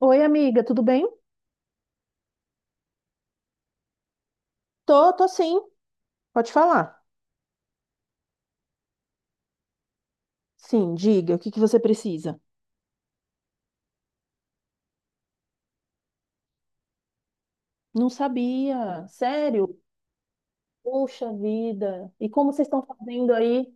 Oi, amiga, tudo bem? Tô sim. Pode falar. Sim, diga, o que que você precisa? Não sabia, sério? Puxa vida. E como vocês estão fazendo aí?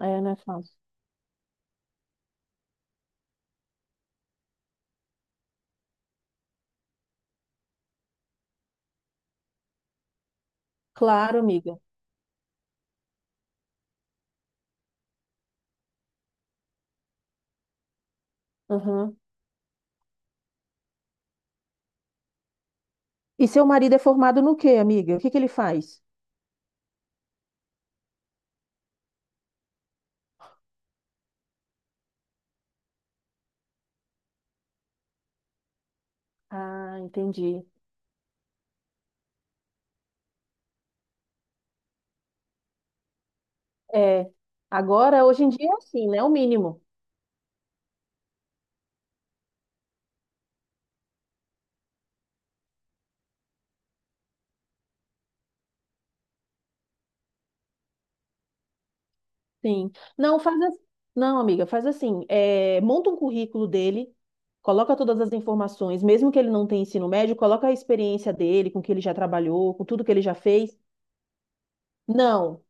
É, né, fácil. Claro, amiga. Uhum. E seu marido é formado no quê, amiga? O que que ele faz? Ah, entendi. É, agora, hoje em dia é assim, né? O mínimo. Sim. Não, faz assim. Não, amiga, faz assim. É, monta um currículo dele, coloca todas as informações, mesmo que ele não tenha ensino médio, coloca a experiência dele, com o que ele já trabalhou, com tudo que ele já fez. Não,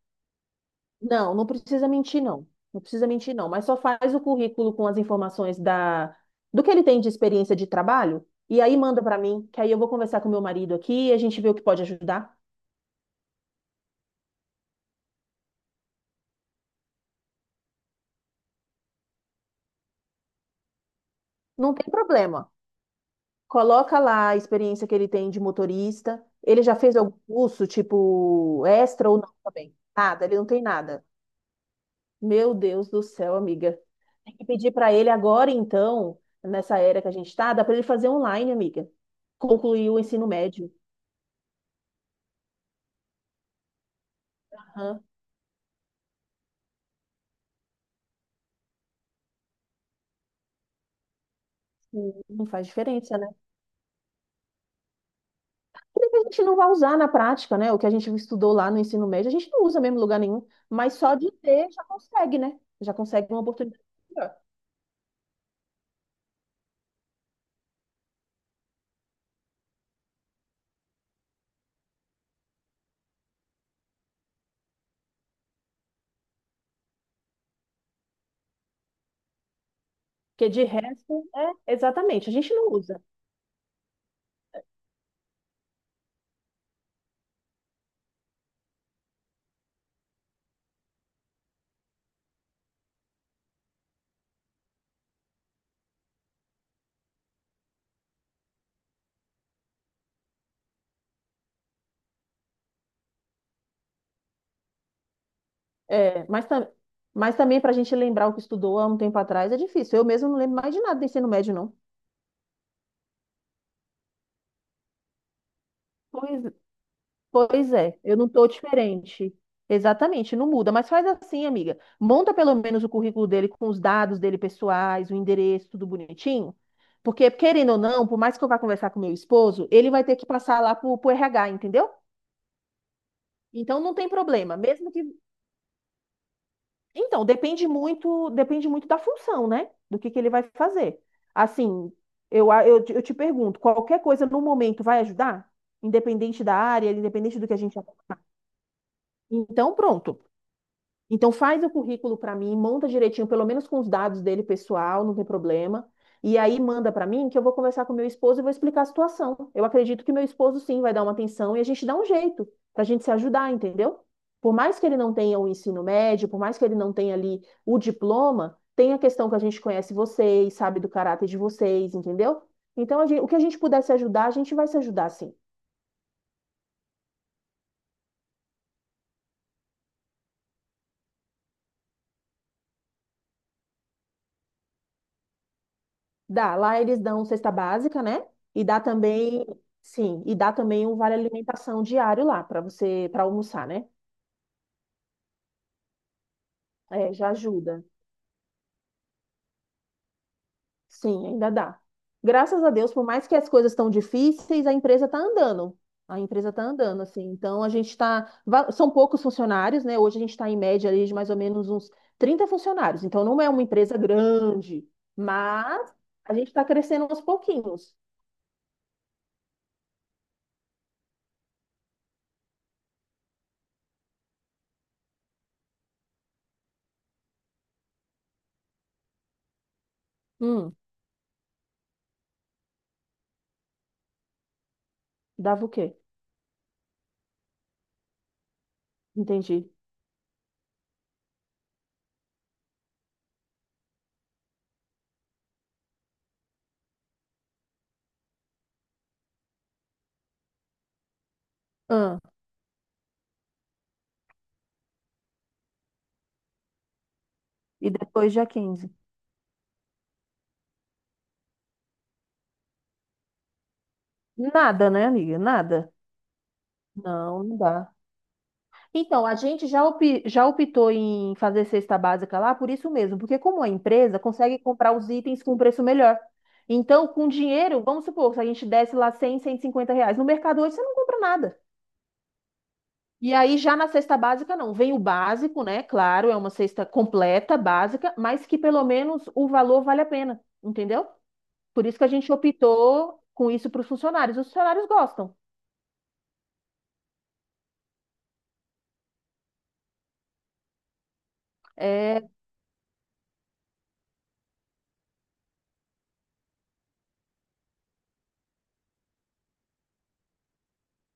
não, não precisa mentir, não. Não precisa mentir, não. Mas só faz o currículo com as informações do que ele tem de experiência de trabalho, e aí manda para mim, que aí eu vou conversar com meu marido aqui e a gente vê o que pode ajudar. Não tem problema. Coloca lá a experiência que ele tem de motorista. Ele já fez algum curso, tipo, extra ou não também? Nada, ele não tem nada. Meu Deus do céu, amiga. Tem que pedir para ele agora, então, nessa era que a gente está, dá para ele fazer online, amiga. Concluir o ensino médio. Aham. Sim, não faz diferença, né? Tudo que a gente não vai usar na prática, né? O que a gente estudou lá no ensino médio, a gente não usa mesmo em lugar nenhum. Mas só de ter já consegue, né? Já consegue uma oportunidade melhor. Porque de resto, é, exatamente, a gente não usa. É, mas, mas também para a gente lembrar o que estudou há um tempo atrás é difícil. Eu mesmo não lembro mais de nada do ensino médio, não. Pois, pois é, eu não estou diferente. Exatamente, não muda. Mas faz assim, amiga. Monta pelo menos o currículo dele com os dados dele pessoais, o endereço, tudo bonitinho. Porque, querendo ou não, por mais que eu vá conversar com meu esposo, ele vai ter que passar lá pro RH, entendeu? Então não tem problema. Mesmo que então, depende muito da função, né? Do que ele vai fazer. Assim, eu te pergunto, qualquer coisa no momento vai ajudar? Independente da área, independente do que a gente... Então, pronto. Então faz o currículo para mim, monta direitinho, pelo menos com os dados dele pessoal, não tem problema. E aí manda para mim que eu vou conversar com meu esposo e vou explicar a situação. Eu acredito que meu esposo sim vai dar uma atenção e a gente dá um jeito para a gente se ajudar, entendeu? Por mais que ele não tenha o ensino médio, por mais que ele não tenha ali o diploma, tem a questão que a gente conhece vocês, sabe do caráter de vocês, entendeu? Então a gente, o que a gente puder se ajudar, a gente vai se ajudar sim. Dá, lá eles dão cesta básica, né? E dá também, sim, e dá também um vale alimentação diário lá para você, para almoçar, né? É, já ajuda. Sim, ainda dá. Graças a Deus, por mais que as coisas estão difíceis, a empresa tá andando. A empresa tá andando, assim. Então a gente está, são poucos funcionários, né? Hoje a gente está em média ali de mais ou menos uns 30 funcionários. Então não é uma empresa grande, mas a gente está crescendo aos pouquinhos. Hum, dava o quê? Entendi. E depois dia 15? Nada, né, amiga? Nada. Não, não dá. Então, a gente já, já optou em fazer cesta básica lá por isso mesmo, porque como a empresa consegue comprar os itens com um preço melhor. Então, com dinheiro, vamos supor, se a gente desse lá R$ 100, R$ 150, no mercado hoje você não compra nada. E aí, já na cesta básica, não. Vem o básico, né? Claro, é uma cesta completa, básica, mas que pelo menos o valor vale a pena, entendeu? Por isso que a gente optou com isso para os funcionários. Os funcionários gostam. É,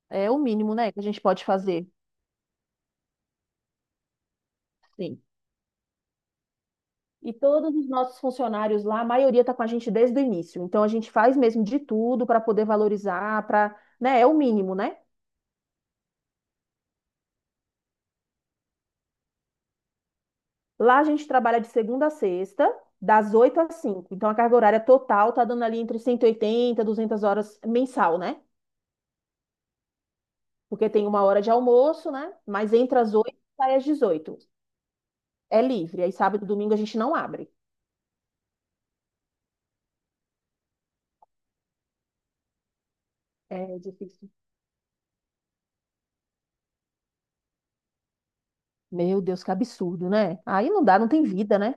É o mínimo, né, que a gente pode fazer. Sim. E todos os nossos funcionários lá, a maioria está com a gente desde o início. Então a gente faz mesmo de tudo para poder valorizar, para, né, é o mínimo, né? Lá a gente trabalha de segunda a sexta, das 8 às 5. Então a carga horária total tá dando ali entre 180, e 200 horas mensal, né? Porque tem uma hora de almoço, né? Mas entre as 8 e sai às 18. É livre. Aí sábado e domingo a gente não abre. É difícil. Meu Deus, que absurdo, né? Aí não dá, não tem vida, né?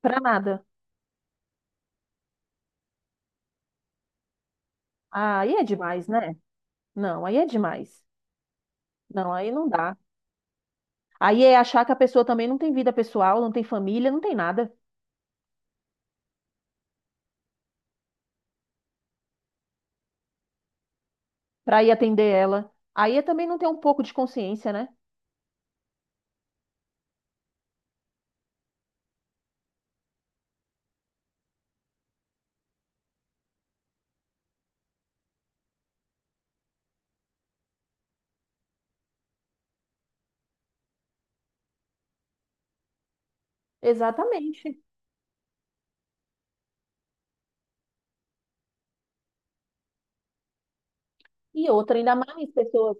Pra nada. Ah, aí é demais, né? Não, aí é demais. Não, aí não dá. Aí é achar que a pessoa também não tem vida pessoal, não tem família, não tem nada para ir atender ela. Aí é também não ter um pouco de consciência, né? Exatamente. E outra, ainda mais pessoas,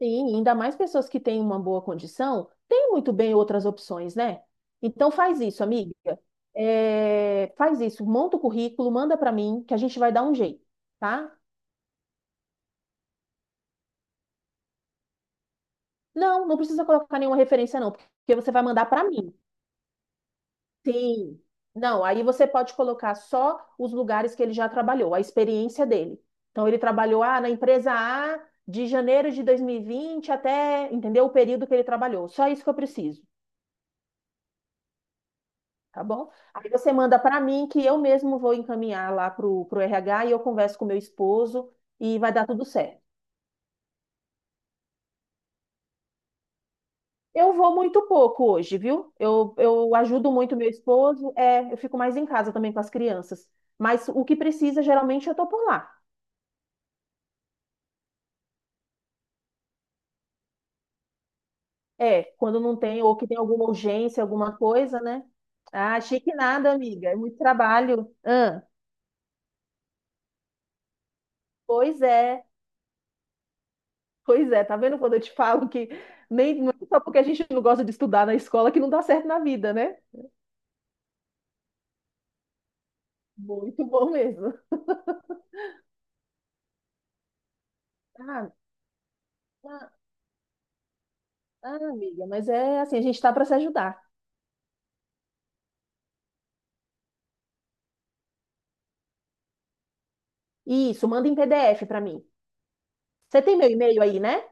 sim, ainda mais pessoas que têm uma boa condição, têm muito bem outras opções, né? Então faz isso, amiga. É, faz isso, monta o currículo, manda para mim, que a gente vai dar um jeito, tá? Não, não precisa colocar nenhuma referência, não, porque você vai mandar para mim. Sim. Não, aí você pode colocar só os lugares que ele já trabalhou, a experiência dele. Então, ele trabalhou na empresa A de janeiro de 2020 até, entendeu? O período que ele trabalhou. Só isso que eu preciso, tá bom? Aí você manda para mim que eu mesmo vou encaminhar lá pro RH e eu converso com meu esposo e vai dar tudo certo. Eu vou muito pouco hoje, viu? Eu ajudo muito meu esposo, é, eu fico mais em casa também com as crianças. Mas o que precisa, geralmente, eu tô por lá. É, quando não tem, ou que tem alguma urgência, alguma coisa, né? Ah, achei que nada, amiga. É muito trabalho. Ah, pois é, pois é. Tá vendo quando eu te falo que nem não é só porque a gente não gosta de estudar na escola que não dá certo na vida, né? Muito bom mesmo. Ah, ah, ah, amiga, mas é assim, a gente tá para se ajudar. Isso, manda em PDF para mim. Você tem meu e-mail aí, né?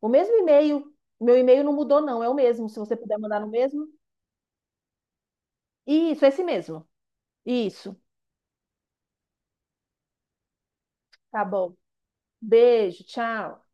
O mesmo e-mail. Meu e-mail não mudou, não, é o mesmo. Se você puder mandar no mesmo. Isso, é esse mesmo. Isso. Tá bom. Beijo, tchau.